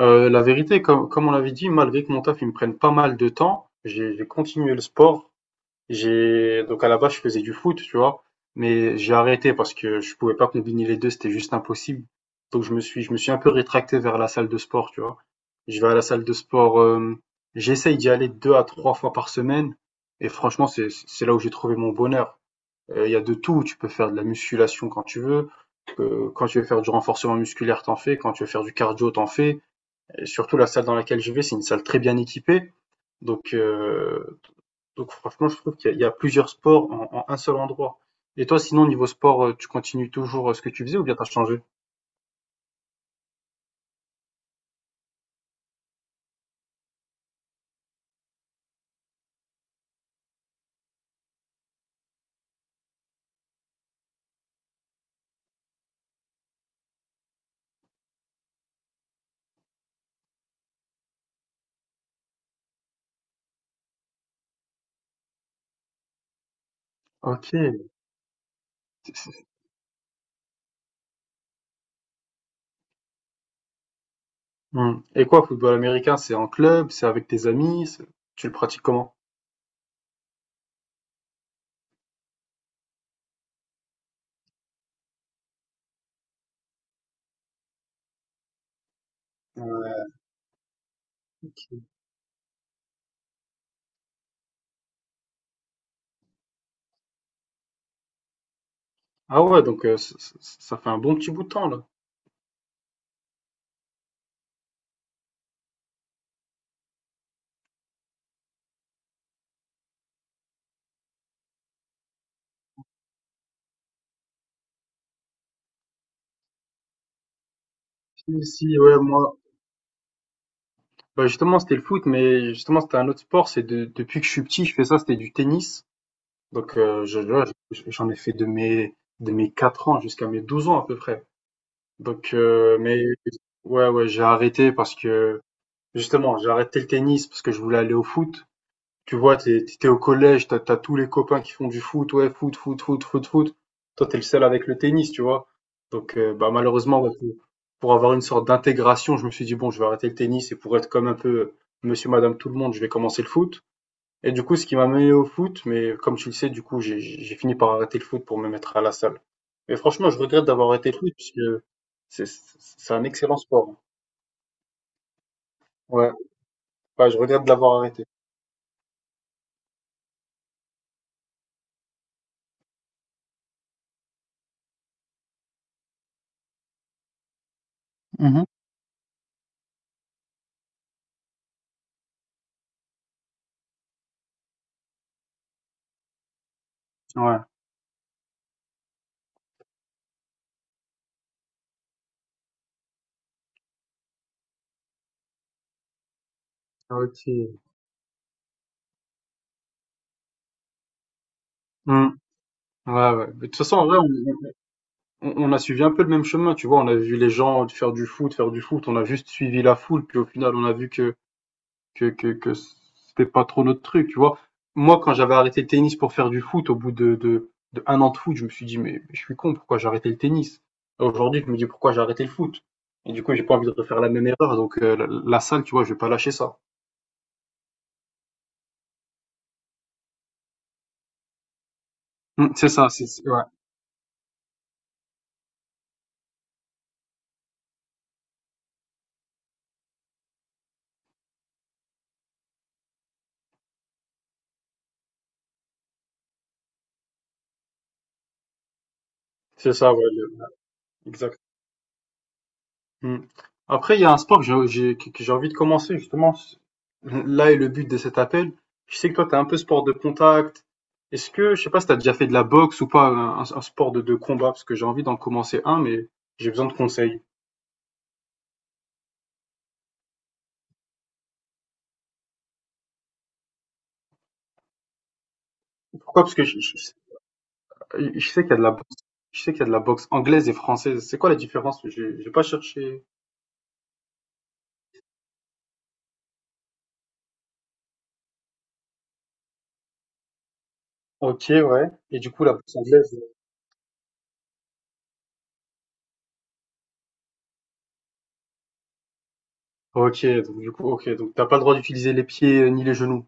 La vérité, comme on l'avait dit, malgré que mon taf, il me prenne pas mal de temps, j'ai continué le sport. J'ai donc à la base, je faisais du foot, tu vois? Mais j'ai arrêté parce que je pouvais pas combiner les 2, c'était juste impossible. Donc je me suis un peu rétracté vers la salle de sport, tu vois? Je vais à la salle de sport, j'essaye d'y aller 2 à 3 fois par semaine et franchement, c'est là où j'ai trouvé mon bonheur. Il y a de tout, tu peux faire de la musculation quand tu veux faire du renforcement musculaire, t'en fais, quand tu veux faire du cardio, t'en fais. Et surtout, la salle dans laquelle je vais, c'est une salle très bien équipée. Donc, euh, donc franchement, je trouve il y a plusieurs sports en un seul endroit. Et toi, sinon, niveau sport, tu continues toujours ce que tu faisais ou bien t'as changé? Ok. Hmm. Et quoi, football américain, c'est en club, c'est avec tes amis, tu le pratiques comment? Ah ouais, donc euh, ça fait un bon petit bout de temps là. Si, si, ouais, moi, bah justement, c'était le foot, mais justement, c'était un autre sport. C'est depuis que je suis petit, je fais ça, c'était du tennis. Donc, euh, là, j'en ai fait de mes 4 ans jusqu'à mes 12 ans à peu près. Donc, mais ouais, ouais, j'ai arrêté parce que justement, j'ai arrêté le tennis parce que je voulais aller au foot. Tu vois, t'es au collège, t'as tous les copains qui font du foot, ouais, foot, foot, foot, foot, foot. Toi, t'es le seul avec le tennis, tu vois. Donc, bah, malheureusement, ouais, pour avoir une sorte d'intégration, je me suis dit, bon, je vais arrêter le tennis et pour être comme un peu monsieur, madame, tout le monde, je vais commencer le foot. Et du coup, ce qui m'a mené au foot, mais comme tu le sais, du coup, j'ai fini par arrêter le foot pour me mettre à la salle. Mais franchement, je regrette d'avoir arrêté le foot parce que c'est un excellent sport. Ouais, ouais, je regrette de l'avoir arrêté. Mhm. Ouais. Ah, ok. Hmm. Ouais, ouais. Mais de toute façon, en vrai, on a suivi un peu le même chemin, tu vois. On a vu les gens faire du foot, faire du foot. On a juste suivi la foule, puis au final, on a vu que c'était pas trop notre truc, tu vois. Moi, quand j'avais arrêté le tennis pour faire du foot, au bout de un an de foot, je me suis dit, mais, je suis con, pourquoi j'ai arrêté le tennis? Aujourd'hui, je me dis, pourquoi j'ai arrêté le foot? Et du coup, j'ai pas envie de refaire la même erreur, donc euh, la salle, tu vois, je vais pas lâcher ça. Mm, c'est ça, ouais. C'est ça, ouais, exact. Mmh. Après, il y a un sport que j'ai envie de commencer, justement. Là est le but de cet appel. Je sais que toi, tu es un peu sport de contact. Je sais pas si tu as déjà fait de la boxe ou pas, un sport de combat, parce que j'ai envie d'en commencer un, mais j'ai besoin de conseils. Pourquoi? Parce que je sais qu'il y a de la boxe, je sais qu'il y a de la boxe anglaise et française. C'est quoi la différence? J'ai pas cherché. Ok, ouais. Et du coup, la boxe anglaise. Ok, donc du coup, ok. Donc t'as pas le droit d'utiliser les pieds ni les genoux.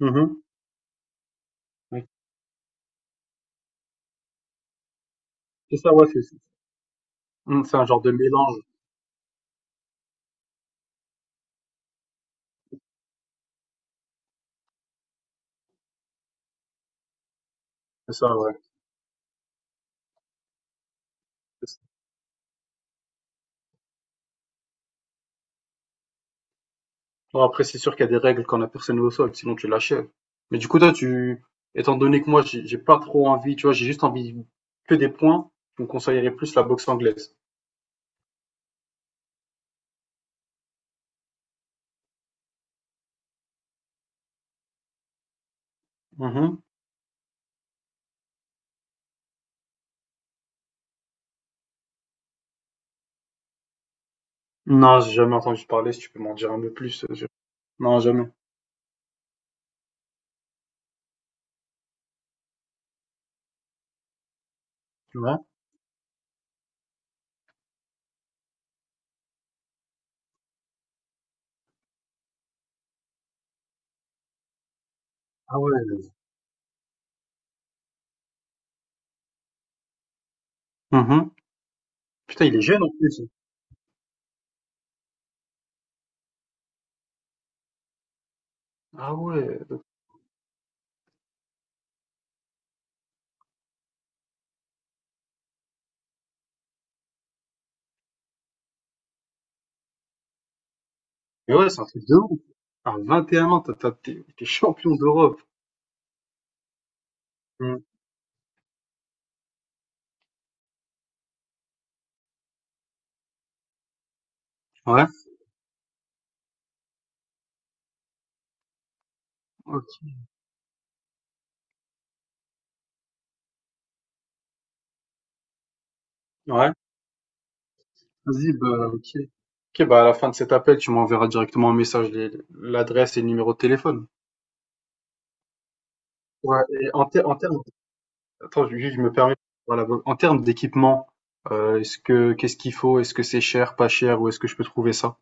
Mhm. Ouais. C'est ça, ouais. C'est un genre de mélange. C'est ça, ouais. C'est ça. Bon, après, c'est sûr qu'il y a des règles quand la personne est au sol, sinon tu l'achèves. Mais du coup, toi, tu, étant donné que moi, j'ai pas trop envie, tu vois, j'ai juste envie que des points, tu me conseillerais plus la boxe anglaise. Mhm. Non, j'ai jamais entendu parler, si tu peux m'en dire un peu plus. Non, jamais. Ouais. Ah ouais. Mhm. Putain, il est jeune en plus. Ah ouais. Mais ouais, c'est un truc de ouf. À 21 ans, t'es champion d'Europe. Mhm. Ouais. Ok. Ouais. Vas-y, bah, ok. Ok, bah, à la fin de cet appel, tu m'enverras directement un message, l'adresse et le numéro de téléphone. Ouais, et en termes, attends, juste, je me permets, voilà, en termes d'équipement, qu'est-ce qu'il faut? Est-ce que c'est cher, pas cher, où est-ce que je peux trouver ça?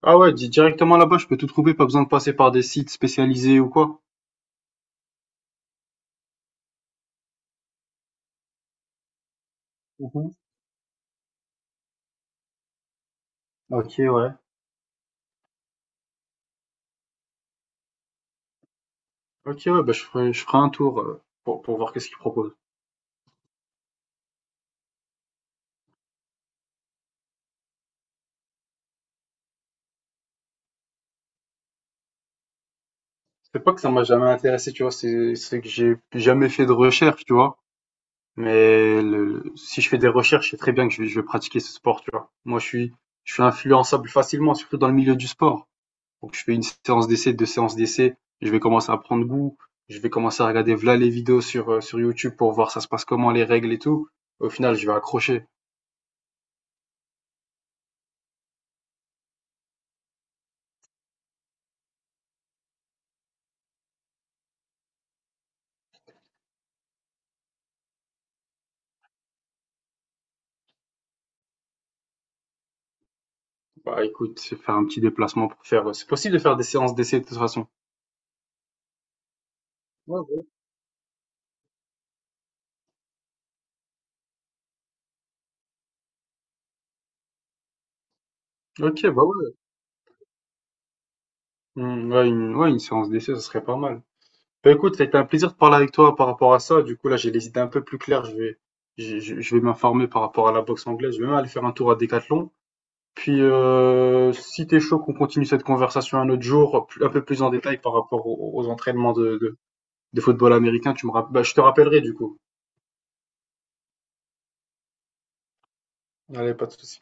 Ah ouais, directement là-bas, je peux tout trouver, pas besoin de passer par des sites spécialisés ou quoi? Mhm. Ok, ouais. Ok, ouais, bah, je ferai un tour, pour voir qu'est-ce qu'ils proposent. C'est pas que ça m'a jamais intéressé, tu vois, c'est que j'ai jamais fait de recherche, tu vois. Mais le, si je fais des recherches, je sais très bien que je vais pratiquer ce sport, tu vois. Moi, je suis influençable facilement, surtout dans le milieu du sport. Donc, je fais une séance d'essai, deux séances d'essai, je vais commencer à prendre goût, je vais commencer à regarder voilà les vidéos sur YouTube pour voir ça se passe comment, les règles et tout. Au final, je vais accrocher. Bah, écoute, je vais faire un petit déplacement pour faire, c'est possible de faire des séances d'essai de toute façon. Ouais, ouais. Ok, bah ouais. Hmm, ouais, une séance d'essai, ça serait pas mal. Bah écoute, ça a été un plaisir de parler avec toi par rapport à ça. Du coup, là, j'ai les idées un peu plus claires. Je vais m'informer par rapport à la boxe anglaise. Je vais même aller faire un tour à Decathlon. Puis, si t'es chaud, qu'on continue cette conversation un autre jour, un peu plus en détail par rapport aux entraînements de football américain, bah, je te rappellerai du coup. Allez, pas de souci.